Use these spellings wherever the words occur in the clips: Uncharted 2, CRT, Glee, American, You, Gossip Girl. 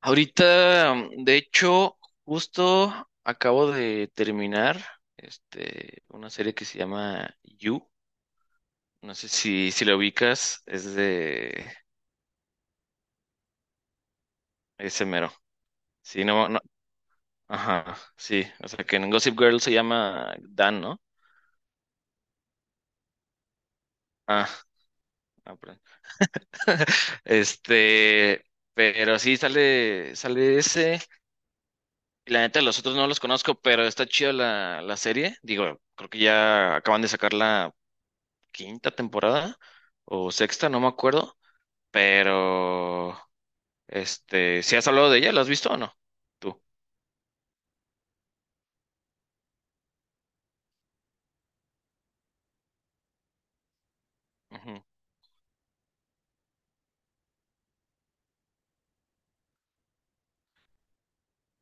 Ahorita, de hecho, justo acabo de terminar una serie que se llama You. No sé si la ubicas, es de ese mero. Sí, no, no, ajá, sí. O sea, que en Gossip Girl se llama Dan, ¿no? Ah, ah, perdón. Este, pero sí, sale ese. Y la neta, los otros no los conozco, pero está chida la serie. Digo, creo que ya acaban de sacarla quinta temporada o sexta, no me acuerdo, pero si has hablado de ella, ¿la has visto o no? Tú. Ujú.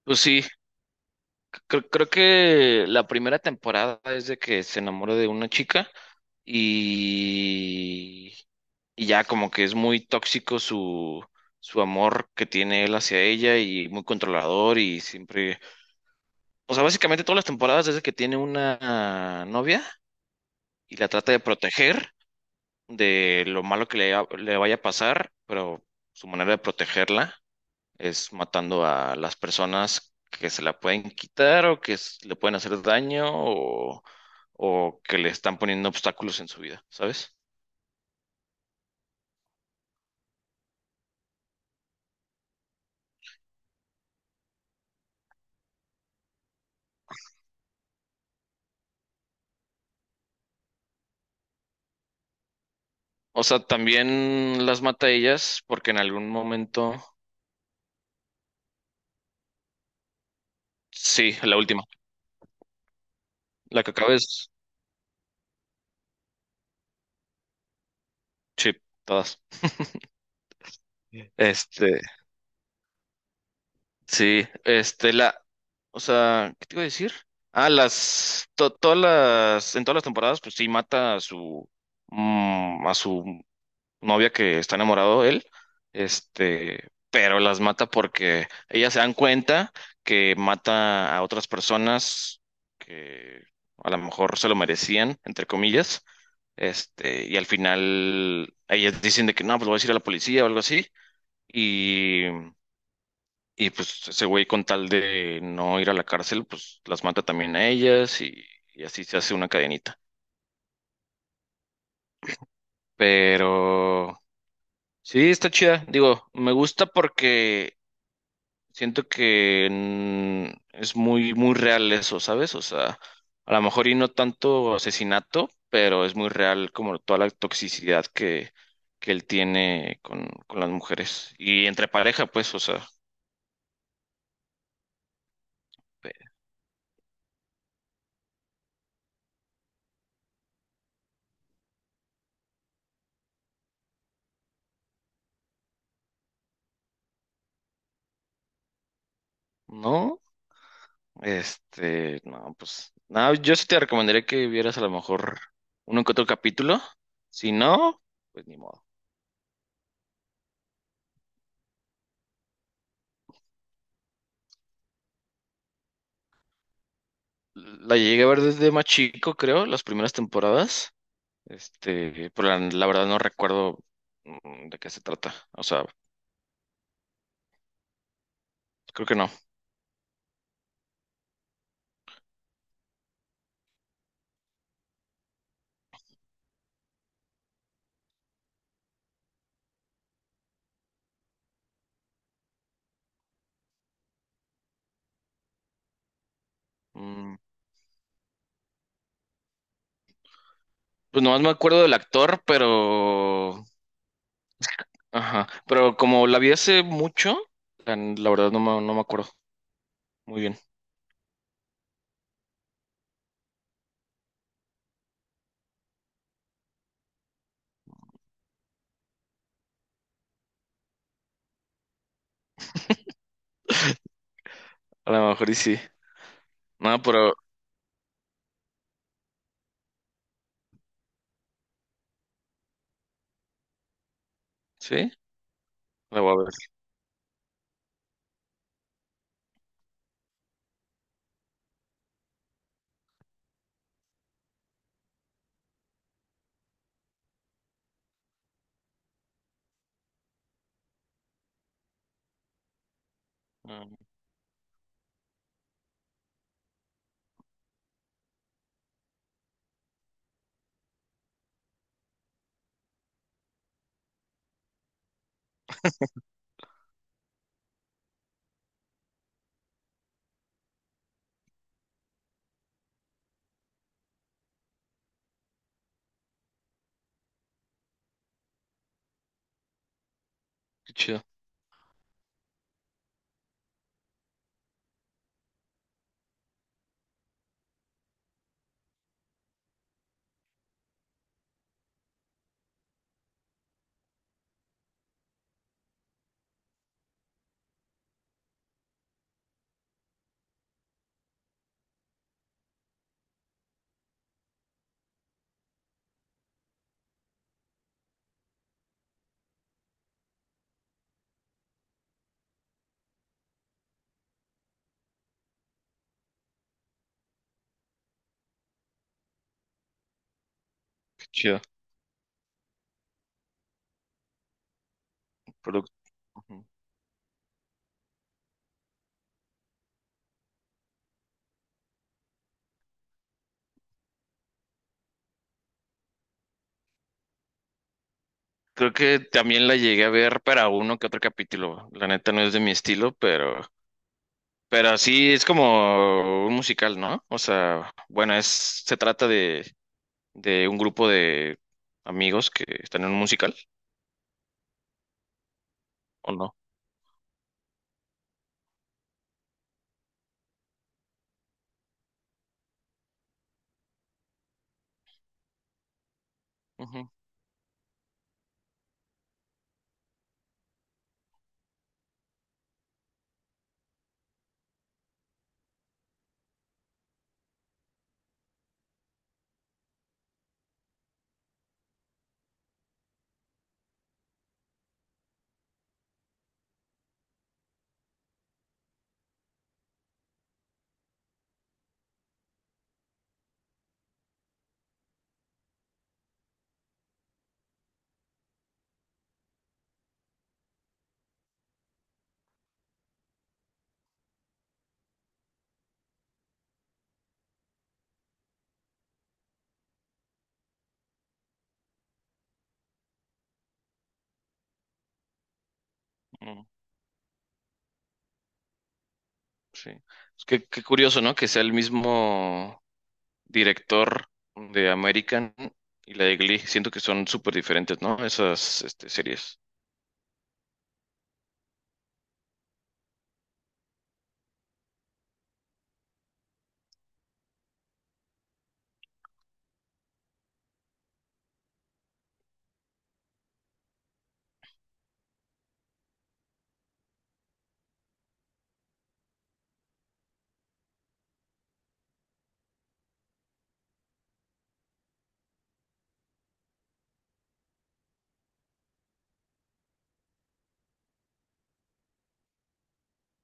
Pues sí, creo que la primera temporada es de que se enamora de una chica y, y ya como que es muy tóxico su amor que tiene él hacia ella y muy controlador y siempre, o sea, básicamente todas las temporadas es de que tiene una novia y la trata de proteger de lo malo que le vaya a pasar, pero su manera de protegerla es matando a las personas que se la pueden quitar o que le pueden hacer daño o que le están poniendo obstáculos en su vida, ¿sabes? O sea, también las mata a ellas porque en algún momento, sí, la última, la que acabes, sí, todas. Este, Sí, este, la, o sea, ¿qué te iba a decir? Ah, todas en todas las temporadas, pues sí, mata a a su novia que está enamorado de él, pero las mata porque ellas se dan cuenta que mata a otras personas que a lo mejor se lo merecían, entre comillas, y al final ellas dicen de que no, pues lo voy a decir a la policía o algo así, y pues ese güey con tal de no ir a la cárcel, pues las mata también a ellas y así se hace una cadenita. Pero sí, está chida. Digo, me gusta porque siento que es muy real eso, ¿sabes? O sea, a lo mejor y no tanto asesinato, pero es muy real como toda la toxicidad que él tiene con las mujeres. Y entre pareja, pues, o sea, pe- ¿no? No, pues, no, yo sí te recomendaría que vieras a lo mejor uno que otro capítulo. Si no, pues ni modo. La llegué a ver desde más chico, creo, las primeras temporadas. Pero la verdad no recuerdo de qué se trata. O sea, creo que no. Mm, pues nomás me acuerdo del actor, pero... Ajá, pero como la vi hace mucho, la verdad no me acuerdo muy bien. A lo mejor y sí. No, pero sí, la voy a ver. Ah, qué chido, qué chido. Pero creo que también la llegué a ver para uno que otro capítulo. La neta no es de mi estilo, pero sí es como un musical, ¿no? O sea, bueno, se trata de un grupo de amigos que están en un musical, ¿o no? Ujú, ujú, sí. Es que, qué curioso, ¿no? Que sea el mismo director de American y la de Glee. Siento que son súper diferentes, ¿no? Esas, series.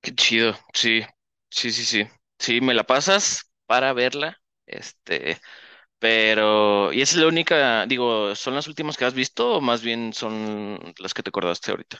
Qué chido, sí, sí, sí, sí. Sí, me la pasas para verla. Este, pero, ¿y es la única, digo, son las últimas que has visto o más bien son las que te acordaste ahorita?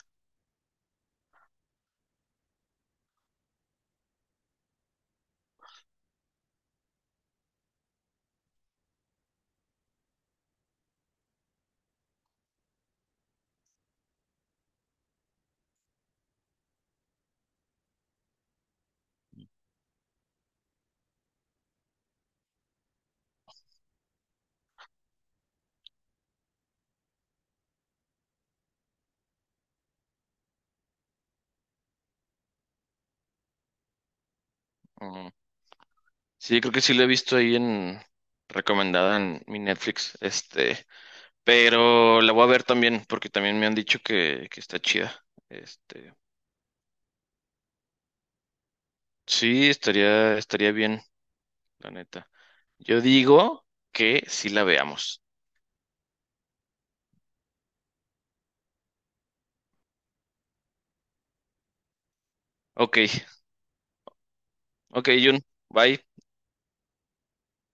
Mm, sí, creo que sí la he visto ahí en recomendada en mi Netflix. Pero la voy a ver también porque también me han dicho que está chida. Este, sí, estaría bien, la neta. Yo digo que sí la veamos. Ok, ok, Jun, bye.